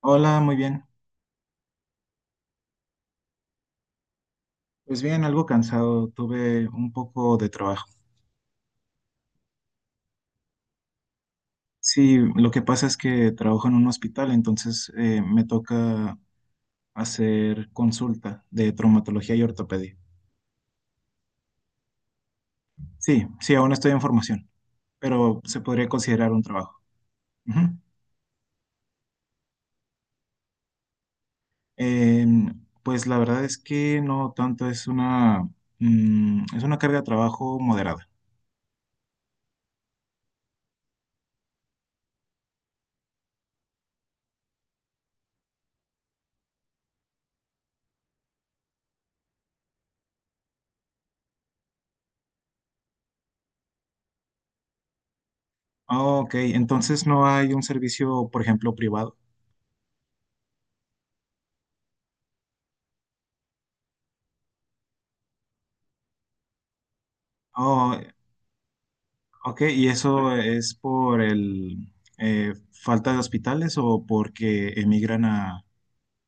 Hola, muy bien. Pues bien, algo cansado, tuve un poco de trabajo. Sí, lo que pasa es que trabajo en un hospital, entonces me toca hacer consulta de traumatología y ortopedia. Sí, sí, aún estoy en formación, pero se podría considerar un trabajo. Ujú. Pues la verdad es que no tanto, es una carga de trabajo moderada. Ah, ok, entonces no hay un servicio, por ejemplo, privado. Oh, ok, ¿y eso es por el falta de hospitales o porque emigran a,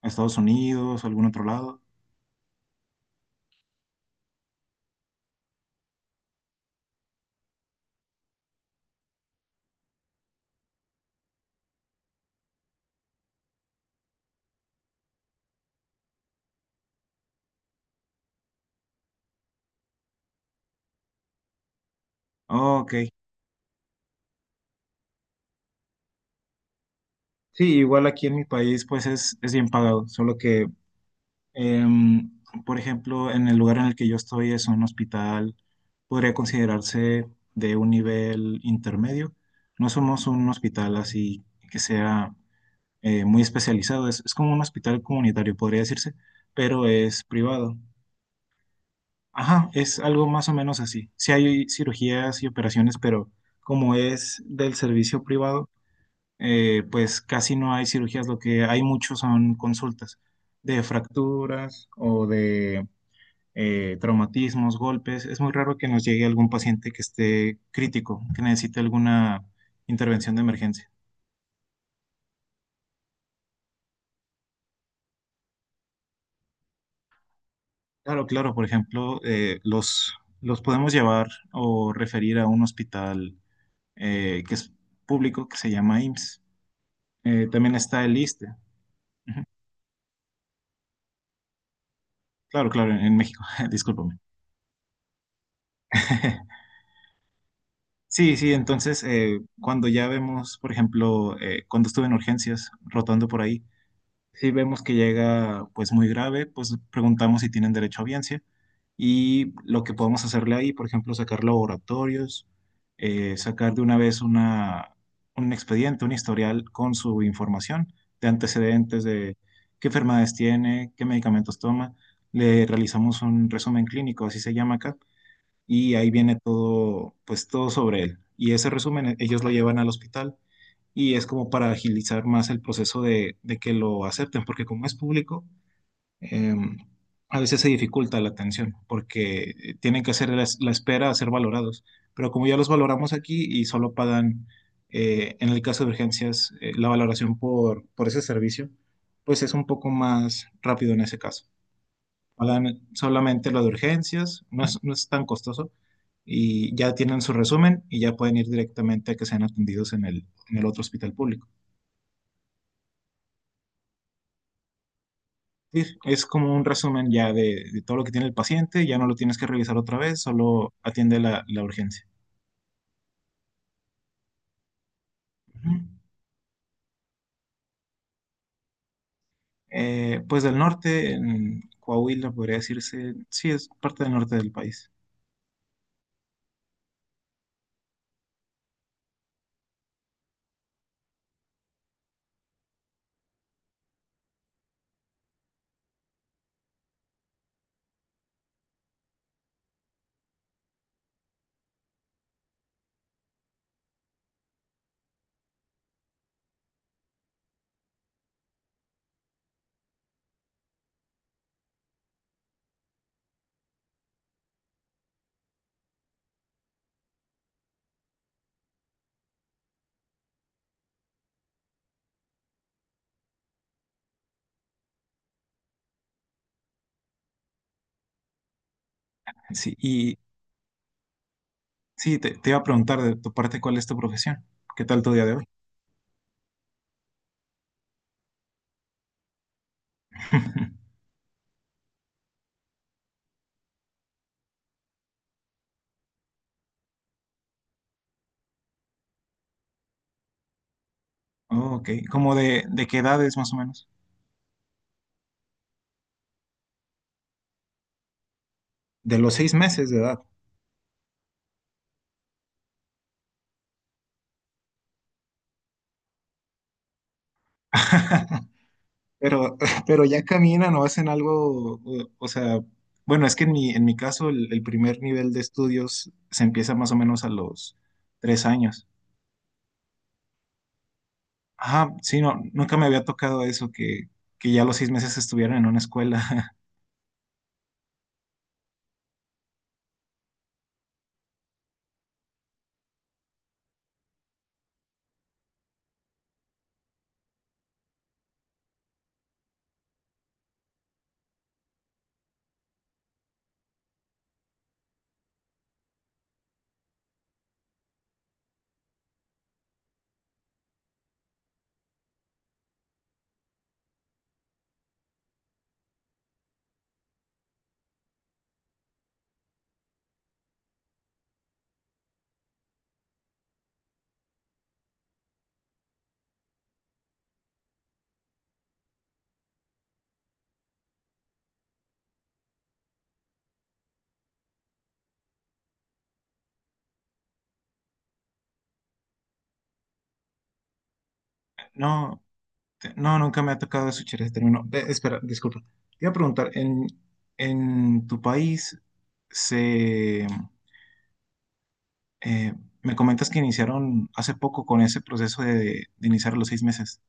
a Estados Unidos o algún otro lado? Oh, ok, sí, igual aquí en mi país pues es bien pagado, solo que, em, por ejemplo, en el lugar en el que yo estoy es un hospital, podría considerarse de un nivel intermedio. No somos un hospital así que sea muy especializado, es como un hospital comunitario, podría decirse, pero es privado. Ajá, es algo más o menos así. Sí hay cirugías y operaciones, pero como es del servicio privado, pues casi no hay cirugías. Lo que hay mucho son consultas de fracturas o de traumatismos, golpes. Es muy raro que nos llegue algún paciente que esté crítico, que necesite alguna intervención de emergencia. Claro, claro, por ejemplo, los podemos llevar o referir a un hospital que es público, que se llama IMSS. También está el ISSSTE. Claro, claro, en México, discúlpame. Sí, sí, entonces cuando ya vemos, por ejemplo, cuando estuve en urgencias, rotando por ahí. Si vemos que llega pues muy grave, pues preguntamos si tienen derecho a audiencia y lo que podemos hacerle ahí, por ejemplo, sacar laboratorios, sacar de una vez un expediente, un historial con su información de antecedentes, de qué enfermedades tiene, qué medicamentos toma. Le realizamos un resumen clínico, así se llama acá, y ahí viene todo, pues todo sobre él. Y ese resumen ellos lo llevan al hospital y es como para agilizar más el proceso de que lo acepten, porque como es público, eh, a veces se dificulta la atención, porque tienen que hacer la espera a ser valorados, pero como ya los valoramos aquí y solo pagan, en el caso de urgencias, la valoración por ese servicio, pues es un poco más rápido en ese caso. Pagan solamente lo de urgencias, no es tan costoso y ya tienen su resumen y ya pueden ir directamente a que sean atendidos en el otro hospital público. Sí, es como un resumen ya de todo lo que tiene el paciente, ya no lo tienes que revisar otra vez, solo atiende la urgencia. Ujú. Pues del norte, en Coahuila podría decirse, sí, es parte del norte del país. Sí, y sí, te iba a preguntar de tu parte cuál es tu profesión, qué tal tu día de hoy. Oh, ok, ¿como de qué edad es más o menos? De los 6 meses de edad. Pero, pero ya caminan o hacen algo, o sea, bueno, es que en mi caso el primer nivel de estudios se empieza más o menos a los 3 años. Ajá, sí, no, nunca me había tocado eso, que ya a los 6 meses estuvieran en una escuela. No, no, nunca me ha tocado eso, Chere, termino. Ve, espera, disculpa. Te iba a preguntar, en tu país se... eh, me comentas que iniciaron hace poco con ese proceso de iniciar a los 6 meses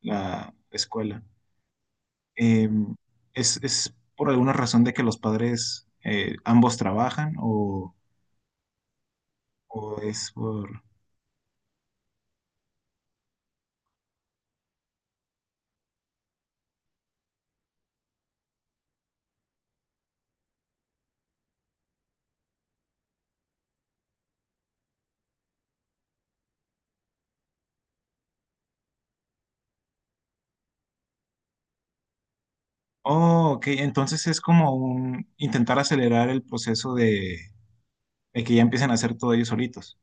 la escuela. eh, es por alguna razón de que los padres ambos trabajan o es por... Oh, ok, entonces es como un intentar acelerar el proceso de que ya empiecen a hacer todo ellos solitos.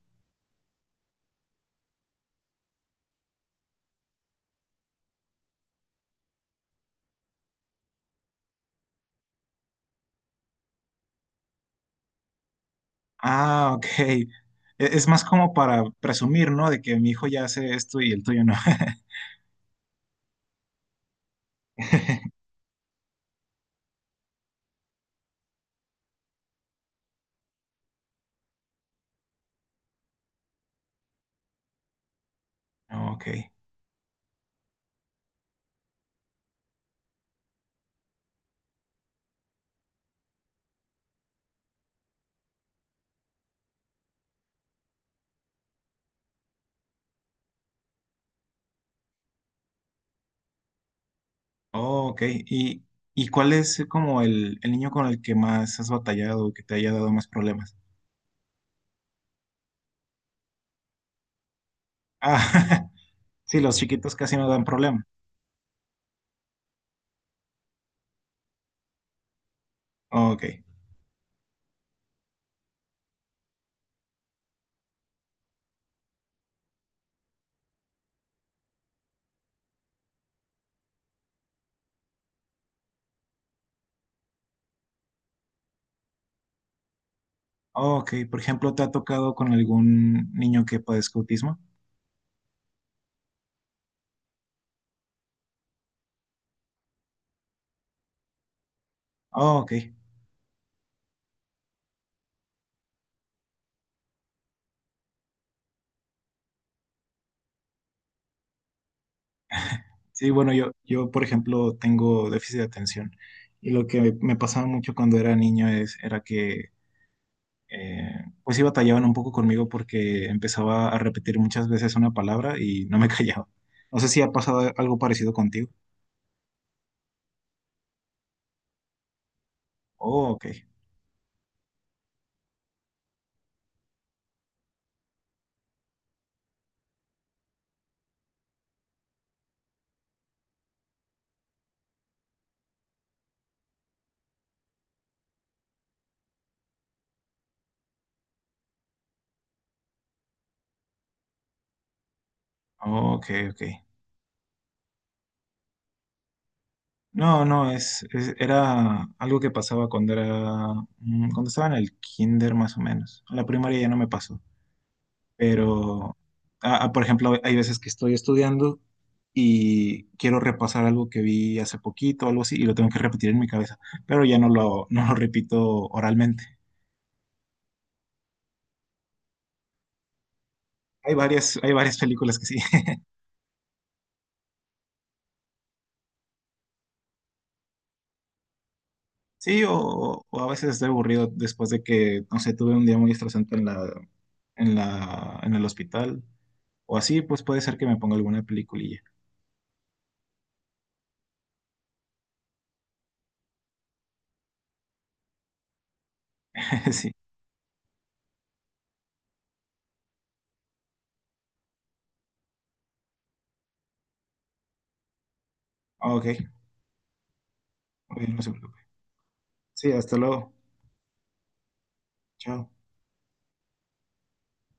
Ah, ok. Es más como para presumir, ¿no? De que mi hijo ya hace esto y el tuyo no. Ah, ok. Oh, ok. ¿Y cuál es como el niño con el que más has batallado o que te haya dado más problemas? Ah, Sí, los chiquitos casi no dan problema. Ok. Ok, por ejemplo, ¿te ha tocado con algún niño que padezca autismo? Oh, ok. Sí, bueno, yo, por ejemplo, tengo déficit de atención. Y lo que me pasaba mucho cuando era niño era que, eh, pues sí batallaban un poco conmigo porque empezaba a repetir muchas veces una palabra y no me callaba. No sé si ha pasado algo parecido contigo. Oh, ok. Oh, ok, ok. No, no, era algo que pasaba cuando estaba en el kinder más o menos. En la primaria ya no me pasó, pero, por ejemplo, hay veces que estoy estudiando y quiero repasar algo que vi hace poquito, algo así, y lo tengo que repetir en mi cabeza, pero ya no lo repito oralmente. Hay varias películas que sí. Sí, o a veces estoy aburrido después de que, no sé, tuve un día muy estresante en el hospital. O así, pues puede ser que me ponga alguna peliculilla. Sí. Ok, ok, no se preocupe. Sí, hasta luego. Chao.